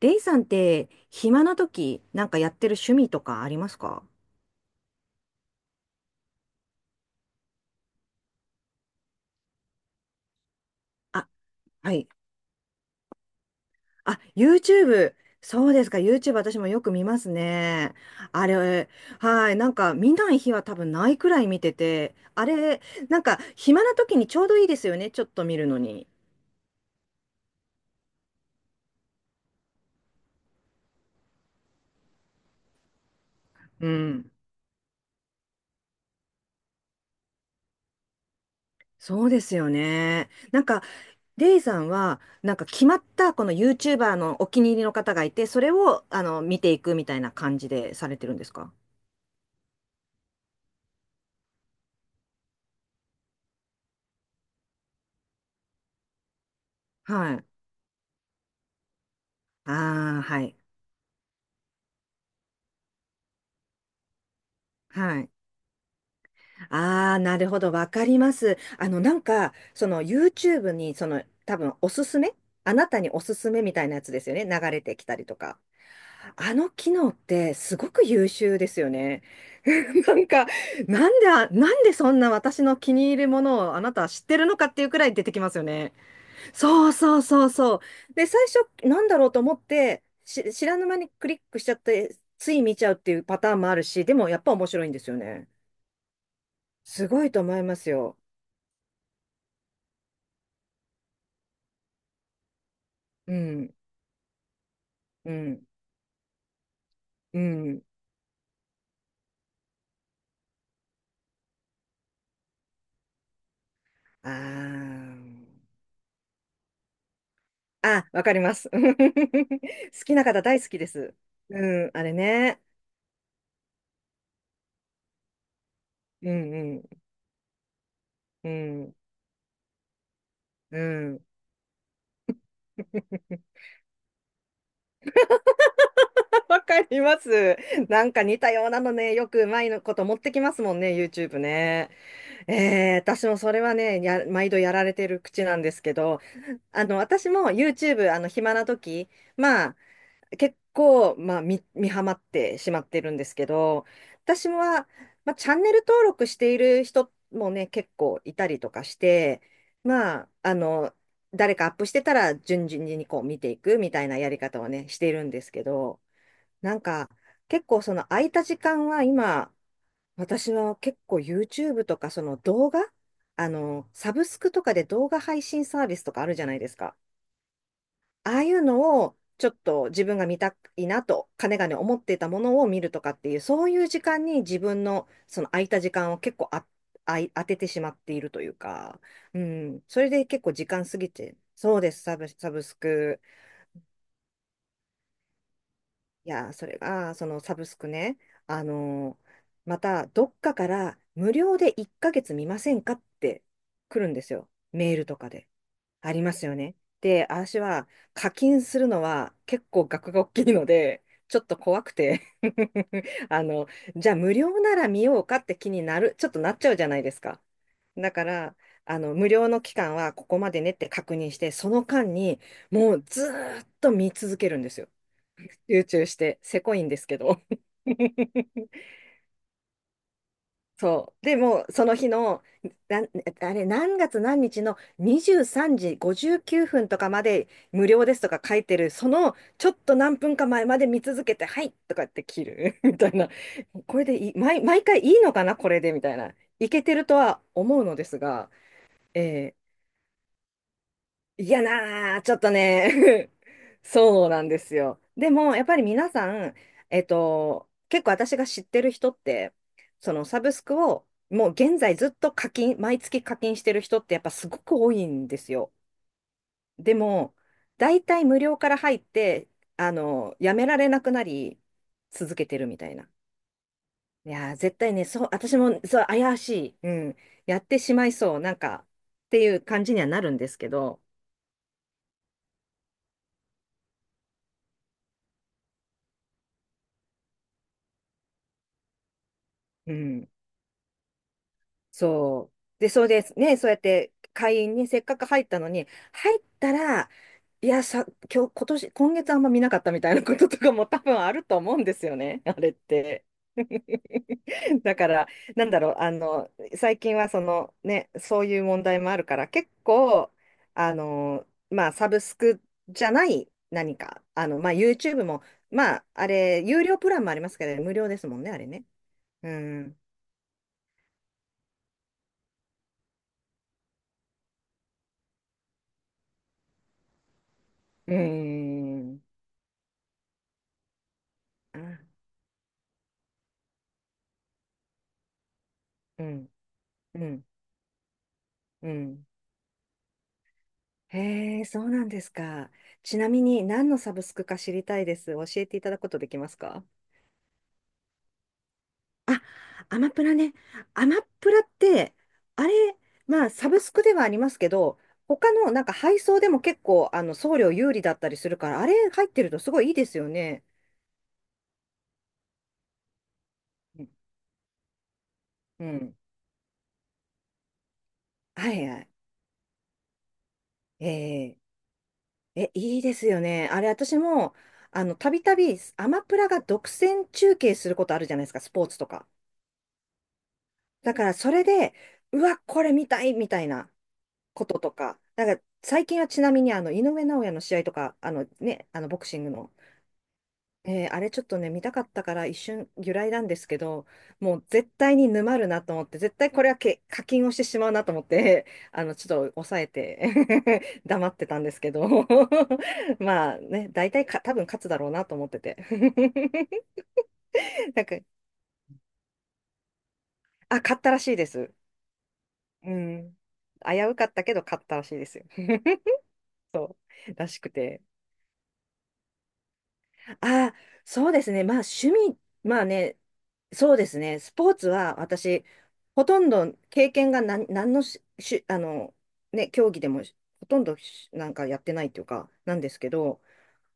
レイさんって、暇な時、なんかやってる趣味とかありますか？あ、はい。あ、YouTube。そうですか。YouTube 私もよく見ますね。あれ、はい。なんか見ない日は多分ないくらい見てて、なんか暇な時にちょうどいいですよね。ちょっと見るのに。うん。そうですよね。なんか、レイさんは、なんか決まったこの YouTuber のお気に入りの方がいて、それを、あの、見ていくみたいな感じでされてるんですか？はい。ああ、はい。はい。ああ、なるほど。わかります。あの、なんか、その YouTube に、その、多分おすすめ、あなたにおすすめみたいなやつですよね。流れてきたりとか。あの機能ってすごく優秀ですよね。なんか、なんでそんな私の気に入るものをあなたは知ってるのかっていうくらい出てきますよね。そうそうそうそう。で、最初、なんだろうと思って、知らぬ間にクリックしちゃって、つい見ちゃうっていうパターンもあるし、でもやっぱ面白いんですよね。すごいと思いますよ。うん、うん、うん。あー。あ、わかります。好きな方大好きです。うん、あれね。うん、うん、うん、うん。わかります。なんか似たようなのね、よくうまいのこと持ってきますもんね、YouTube ね。私もそれはね、毎度やられてる口なんですけど、あの、私も YouTube、あの、暇な時、まあ、結構、まあ、見ハマってしまってるんですけど、私は、まあ、チャンネル登録している人もね、結構いたりとかして、まあ、あの、誰かアップしてたら、順々にこう見ていくみたいなやり方をね、しているんですけど、なんか、結構その空いた時間は今、私は結構 YouTube とかその動画、あの、サブスクとかで動画配信サービスとかあるじゃないですか。ああいうのをちょっと自分が見たいなと、かねがね思っていたものを見るとかっていう、そういう時間に自分のその空いた時間を結構あ、あい、当ててしまっているというか、うん、それで結構時間過ぎて、そうです、サブスク。いや、それが、そのサブスクね、あのーまた、どっかから無料で1ヶ月見ませんかって来るんですよ。メールとかで。ありますよね。で、私は課金するのは結構額が大きいので、ちょっと怖くて。 あの、じゃあ無料なら見ようかって気になる、ちょっとなっちゃうじゃないですか。だから、あの、無料の期間はここまでねって確認して、その間にもうずーっと見続けるんですよ。集中して、せこいんですけど。そう。でも、その日の、なん、あれ、何月何日の23時59分とかまで無料ですとか書いてる、そのちょっと何分か前まで見続けて、はいとかって切る みたいな。これでいい、毎回いいのかな、これでみたいな。いけてるとは思うのですが、えー嫌なー、ちょっとね。 そうなんですよ。でも、やっぱり皆さん、結構私が知ってる人って、そのサブスクをもう現在ずっと毎月課金してる人ってやっぱすごく多いんですよ。でも、大体無料から入って、あの、やめられなくなり、続けてるみたいな。いやー、絶対ね、そう、私も、そう、怪しい。うん。やってしまいそう。なんか、っていう感じにはなるんですけど、うん。そう。で、そうです。ね、そうやって会員にせっかく入ったのに、入ったら、いや、さ、今日、今年、今月あんま見なかったみたいなこととかも多分あると思うんですよね、あれって。だから、なんだろう、あの、最近はその、ね、そういう問題もあるから、結構、あの、まあ、サブスクじゃない何か、あの、まあ、YouTube も、まあ、あれ、有料プランもありますけど、無料ですもんね、あれね。うん。うん。うん、うん、うん。へえ、そうなんですか。ちなみに何のサブスクか知りたいです。教えていただくことできますか？あ、アマプラね。アマプラって、あれ、まあ、サブスクではありますけど、他のなんか配送でも結構あの送料有利だったりするから、あれ入ってるとすごいいいですよね。うん。うん、はいはい。ええ、いいですよね。あれ、私も、あの、たびたびアマプラが独占中継することあるじゃないですか、スポーツとか。だからそれで、うわ、これ見たいみたいなこととか、だから最近はちなみにあの井上尚弥の試合とか、あのね、あのボクシングの、あれちょっとね、見たかったから一瞬揺らいだんですけど、もう絶対に沼るなと思って、絶対これは課金をしてしまうなと思って、あのちょっと抑えて 黙ってたんですけど。 まあね、大体か、多分勝つだろうなと思ってて。 なんか、あ、勝ったらしいです。うん。危うかったけど勝ったらしいですよ。そうらしくて。ああ、そうですね。まあ趣味、まあね、そうですね。スポーツは私、ほとんど経験が何のし、し、あの、ね、競技でもほとんどなんかやってないっていうか、なんですけど、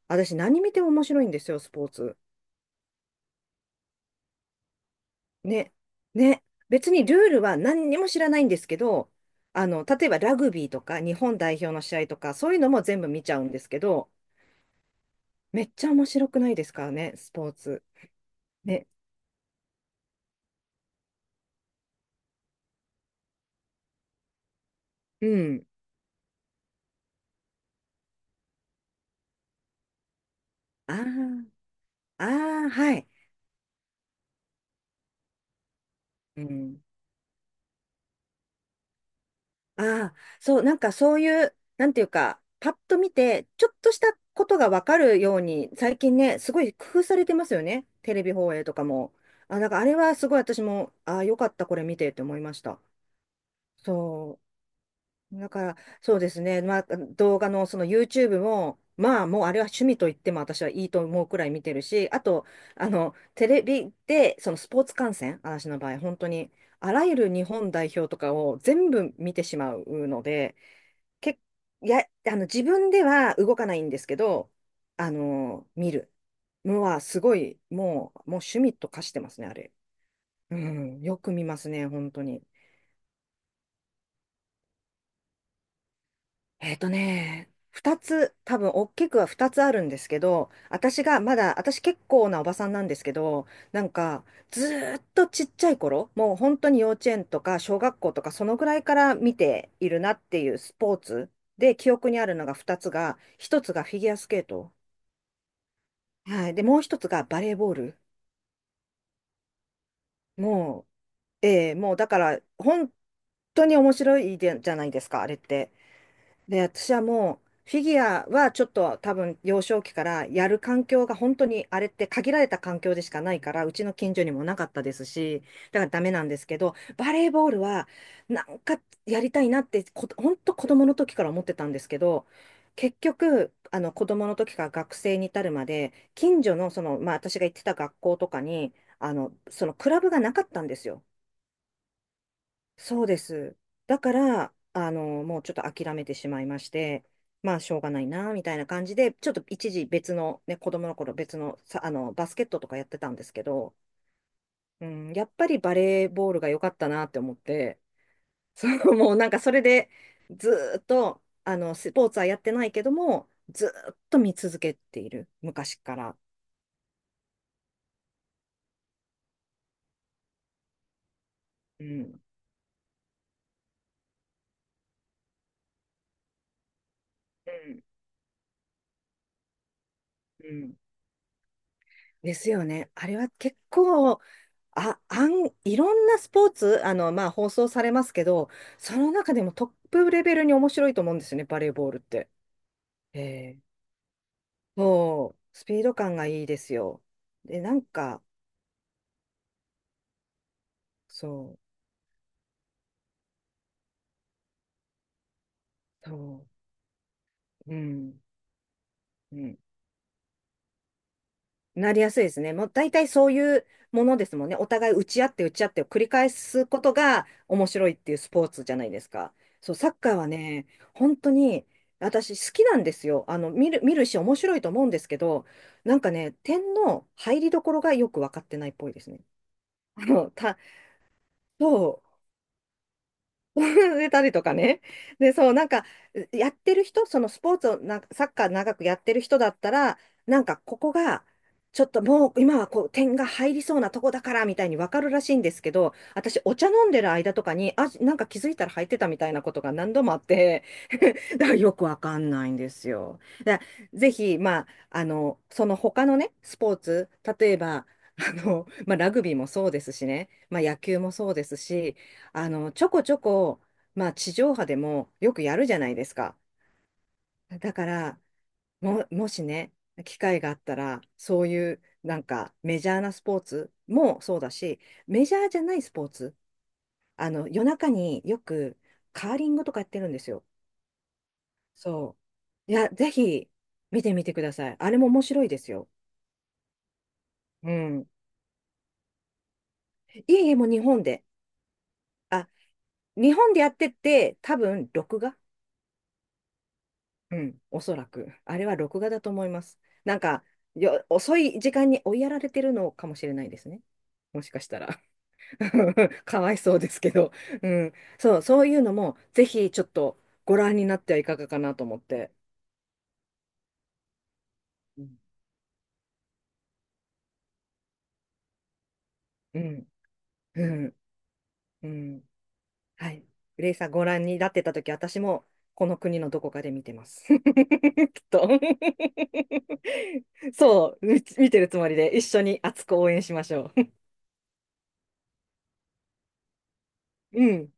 私何見ても面白いんですよ、スポーツ。ね、ね。別にルールは何にも知らないんですけど、あの、例えばラグビーとか日本代表の試合とか、そういうのも全部見ちゃうんですけど、めっちゃ面白くないですからね、スポーツ。ね。うん。あーあー、あはい。うん。ああ、そう、なんかそういう、なんていうか、パッと見て、ちょっとしたことがわかるように、最近ね、すごい工夫されてますよね。テレビ放映とかも。あ、なんかあれはすごい私も、ああ、よかった、これ見てって思いました。そう。だから、そうですね。まあ、動画のその YouTube も、まあ、もうあれは趣味と言っても私はいいと思うくらい見てるし、あと、あの、テレビで、そのスポーツ観戦、私の場合、本当に、あらゆる日本代表とかを全部見てしまうので、け、あの、自分では動かないんですけど、あの、見るのはすごい、もう趣味と化してますね、あれ。うん、よく見ますね、本当に。多分大きくは二つあるんですけど、私がまだ、私結構なおばさんなんですけど、なんか、ずーっとちっちゃい頃、もう本当に幼稚園とか小学校とか、そのぐらいから見ているなっていうスポーツで、記憶にあるのが二つが、一つがフィギュアスケート。はい。で、もう一つがバレーボール。もう、ええ、もうだから、本当に面白いでじゃないですか、あれって。で、私はもう、フィギュアはちょっと多分幼少期からやる環境が本当にあれって限られた環境でしかないから、うちの近所にもなかったですし、だからダメなんですけど、バレーボールはなんかやりたいなって本当子供の時から思ってたんですけど、結局、あの子供の時から学生に至るまで、近所のその、まあ私が行ってた学校とかに、そのクラブがなかったんですよ。そうです。だから、もうちょっと諦めてしまいまして、まあ、しょうがないな、みたいな感じで、ちょっと一時別の、ね、子供の頃別の、さ、あの、バスケットとかやってたんですけど、うん、やっぱりバレーボールが良かったなって思って、そう、もうなんかそれで、ずーっと、スポーツはやってないけども、ずーっと見続けている、昔から。うん。うん。うん、ですよね。あれは結構、あ、あん、いろんなスポーツ、まあ、放送されますけど、その中でもトップレベルに面白いと思うんですよね、バレーボールって。ええ、そう、スピード感がいいですよ。で、なんか、そう、そう、うん、うん。なりやすいですね。もう大体そういうものですもんね。お互い打ち合って打ち合ってを繰り返すことが面白いっていうスポーツじゃないですか。そう、サッカーはね、本当に私好きなんですよ。あの、見るし面白いと思うんですけど、なんかね、点の入りどころがよく分かってないっぽいですね。あの、た、そう、 植えたりとかね。で、そう、なんか、やってる人、そのスポーツをな、サッカー長くやってる人だったら、なんか、ここが、ちょっともう今はこう点が入りそうなとこだからみたいに分かるらしいんですけど、私お茶飲んでる間とかに、あ、なんか気づいたら入ってたみたいなことが何度もあって、だからよくわかんないんですよ。だからぜひ、まあ、その他のね、スポーツ、例えば、まあ、ラグビーもそうですしね、まあ、野球もそうですし、ちょこちょこまあ、地上波でもよくやるじゃないですか。だから、もしね、機会があったら、そういうなんかメジャーなスポーツもそうだし、メジャーじゃないスポーツ、夜中によくカーリングとかやってるんですよ。そう。いや、ぜひ見てみてください。あれも面白いですよ。うん。いえいえ、もう日本で。あ、日本でやってて、多分録画、うん、おそらく。あれは録画だと思います。なんか、遅い時間に追いやられてるのかもしれないですね。もしかしたら。かわいそうですけど。うん。そう、そういうのも、ぜひちょっとご覧になってはいかがかなと思って。うん。うん。うん。うん、はい。グレイさん、ご覧になってたとき、私もこの国のどこかで見てます。きっと。そう、見てるつもりで、一緒に熱く応援しましょう。うん。